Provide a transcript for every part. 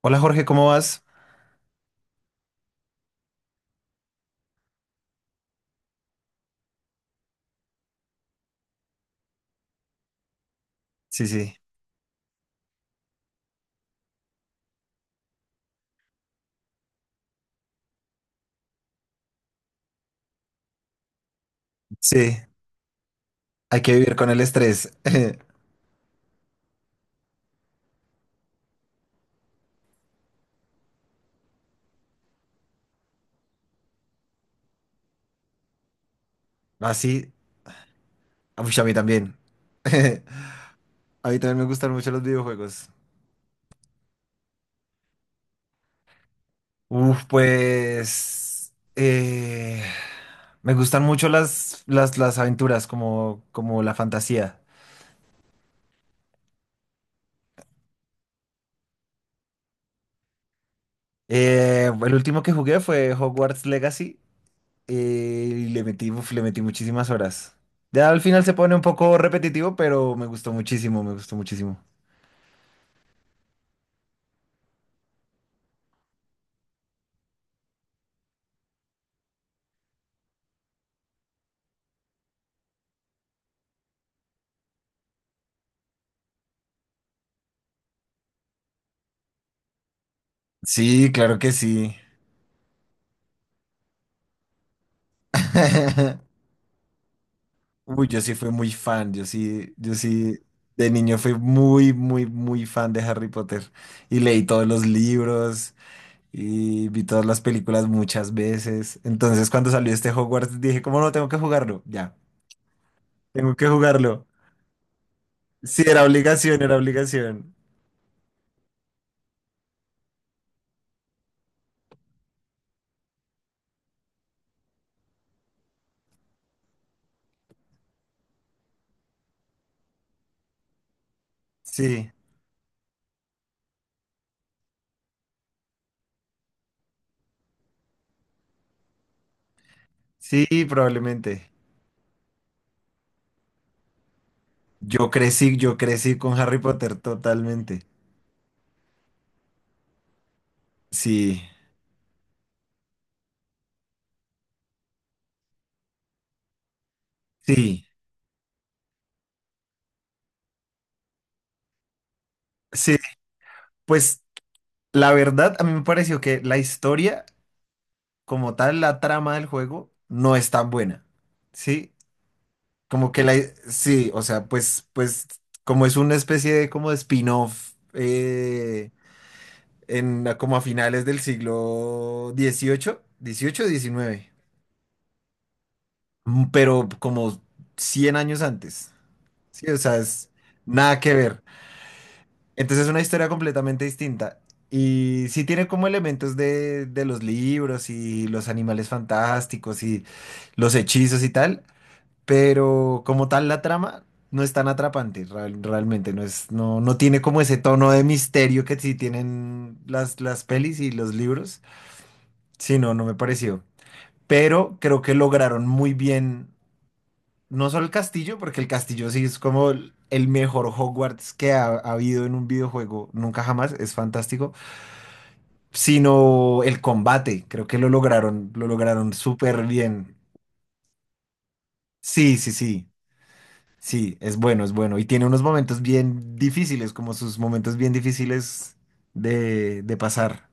Hola Jorge, ¿cómo vas? Sí, sí, sí, hay que vivir con el estrés. Así, uy, a mí también. A mí también me gustan mucho los videojuegos. Uf, pues me gustan mucho las aventuras, como, como la fantasía. El último que jugué fue Hogwarts Legacy eh, y le metí, uf, le metí muchísimas horas. Ya al final se pone un poco repetitivo, pero me gustó muchísimo, me gustó muchísimo. Sí, claro que sí. Uy, yo sí fui muy fan, yo sí, yo sí, de niño fui muy, muy, muy fan de Harry Potter y leí todos los libros y vi todas las películas muchas veces. Entonces, cuando salió este Hogwarts, dije, ¿cómo no tengo que jugarlo? Ya, tengo que jugarlo. Sí, era obligación, era obligación. Sí, sí, probablemente. Yo crecí con Harry Potter totalmente. Sí, sí, sí. Pues la verdad, a mí me pareció que la historia como tal, la trama del juego, no es tan buena. ¿Sí? Como que la... Sí, o sea, pues, pues como es una especie de como de spin-off en como a finales del siglo XVIII, XVIII, XIX, mm, pero como 100 años antes. Sí, o sea, es nada que ver. Entonces es una historia completamente distinta. Y sí tiene como elementos de los libros y los animales fantásticos y los hechizos y tal, pero como tal la trama no es tan atrapante, real- realmente no es, no, no tiene como ese tono de misterio que sí tienen las pelis y los libros. Sí, no, no me pareció. Pero creo que lograron muy bien, no solo el castillo, porque el castillo sí es como el mejor Hogwarts que ha, ha habido en un videojuego, nunca jamás, es fantástico, sino el combate, creo que lo lograron súper bien. Sí, sí, sí. Sí, es bueno, es bueno. Y tiene unos momentos bien difíciles, como sus momentos bien difíciles de pasar.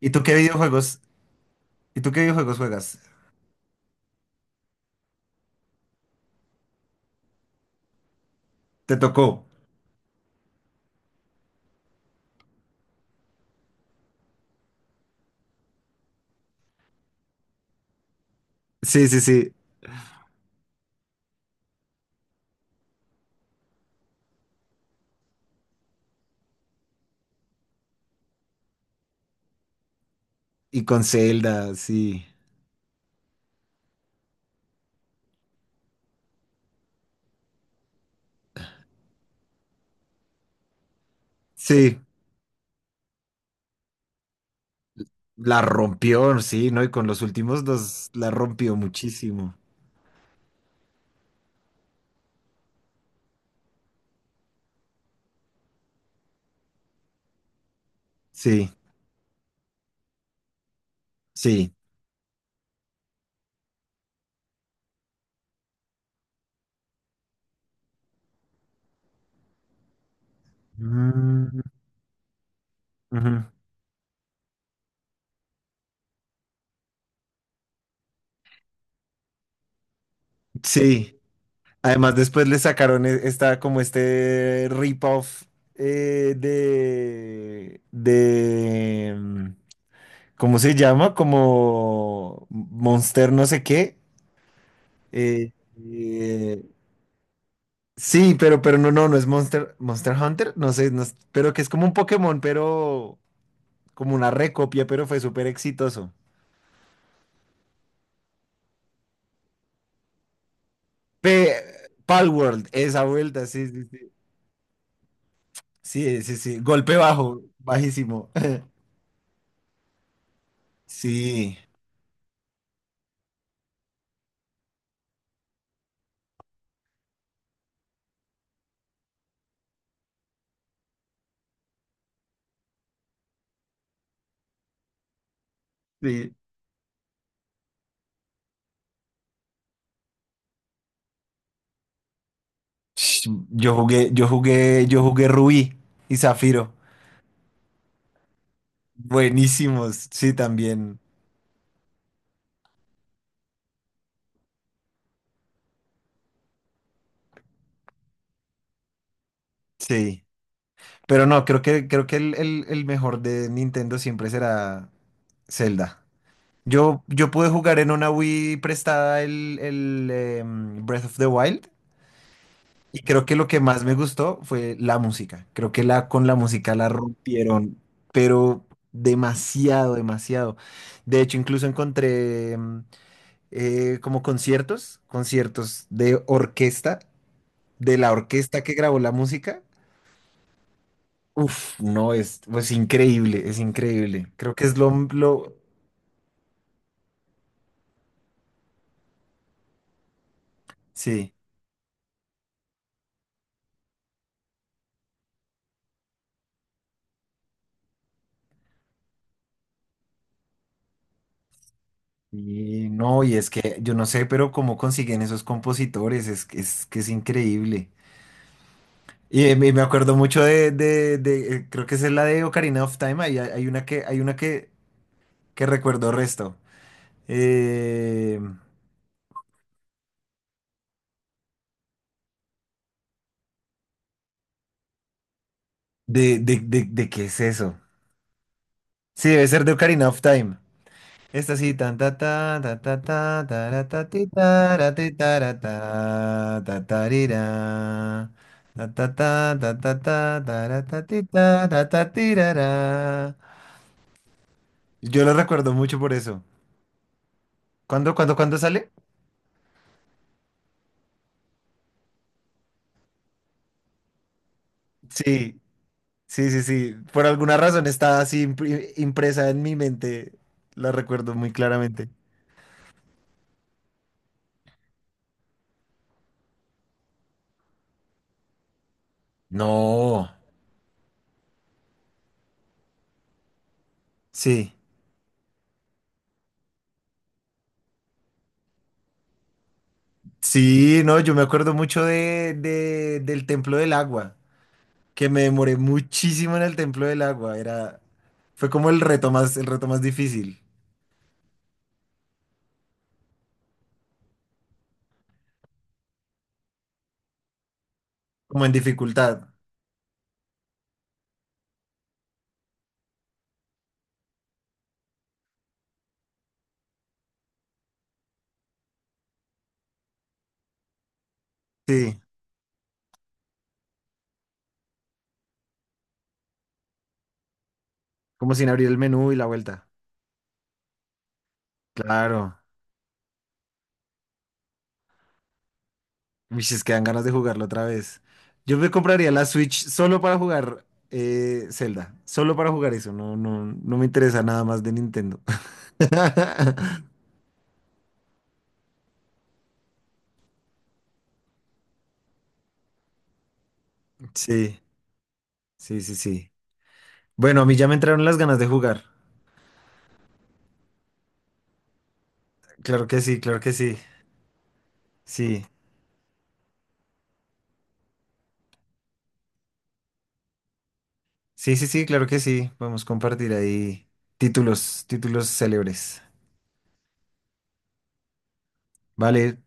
¿Y tú qué videojuegos? ¿Y tú qué videojuegos juegas? ¿Te tocó? Sí, sí, sí. Y con Zelda, sí. Sí, la rompió, sí, ¿no? Y con los últimos dos la rompió muchísimo. Sí, sí. Mm, ujú. Sí. Además, después le sacaron e- esta, como este rip-off eh, de, de, mm, ¿cómo se llama? Como Monster no sé qué. eh, eh, sí, pero no, no, no es Monster, Monster Hunter, no sé, no es- pero que es como un Pokémon, pero como una recopia, pero fue súper exitoso. Pe Palworld, esa vuelta, sí, sí, sí. Sí, sí, sí, golpe bajo, bajísimo. Sí, sí. Yo jugué, yo jugué, yo jugué Rubí y Zafiro. Buenísimos, sí, también, sí. Pero no, creo que el mejor de Nintendo siempre será Zelda. Yo pude jugar en una Wii prestada el Breath of the Wild y creo que lo que más me gustó fue la música. Creo que la, con la música la rompieron, pero demasiado, demasiado. De hecho, incluso encontré... como conciertos, conciertos de orquesta, de la orquesta que grabó la música. Uf, no, es pues increíble, es increíble. Creo que es lo- sí. Y no, y es que yo no sé, pero cómo consiguen esos compositores, es, que- es que es increíble. Y me acuerdo mucho de creo que esa es la de Ocarina of Time, ahí hay, hay una que recuerdo resto. Eh, ¿De qué es eso? Sí, debe ser de Ocarina of Time. Esta sí, tan ta ta ta ta ta ta ta ti, ta tara, ti, tara, ta ta tarira. Ta ta ta ta ta ta tara, ta ti tirara. Yo lo recuerdo mucho por eso. ¿Cuándo, cuándo, cuándo sale? Sí, sí, sí, sí. Por alguna razón está así impri- impresa en mi mente. La recuerdo muy claramente. No. Sí. Sí, no, yo me acuerdo mucho de- del Templo del Agua, que me demoré muchísimo en el Templo del Agua. Era, fue como el reto más difícil, como en dificultad. Sí, como sin abrir el menú y la vuelta. Claro. Uy, es que dan ganas de jugarlo otra vez. Yo me compraría la Switch solo para jugar Zelda. Solo para jugar eso. No, no, no me interesa nada más de Nintendo. Sí, sí, sí, sí. Bueno, a mí ya me entraron las ganas de jugar. Claro que sí, claro que sí. Sí. Sí, sí, sí, claro que sí. Podemos compartir ahí títulos, títulos célebres. Vale,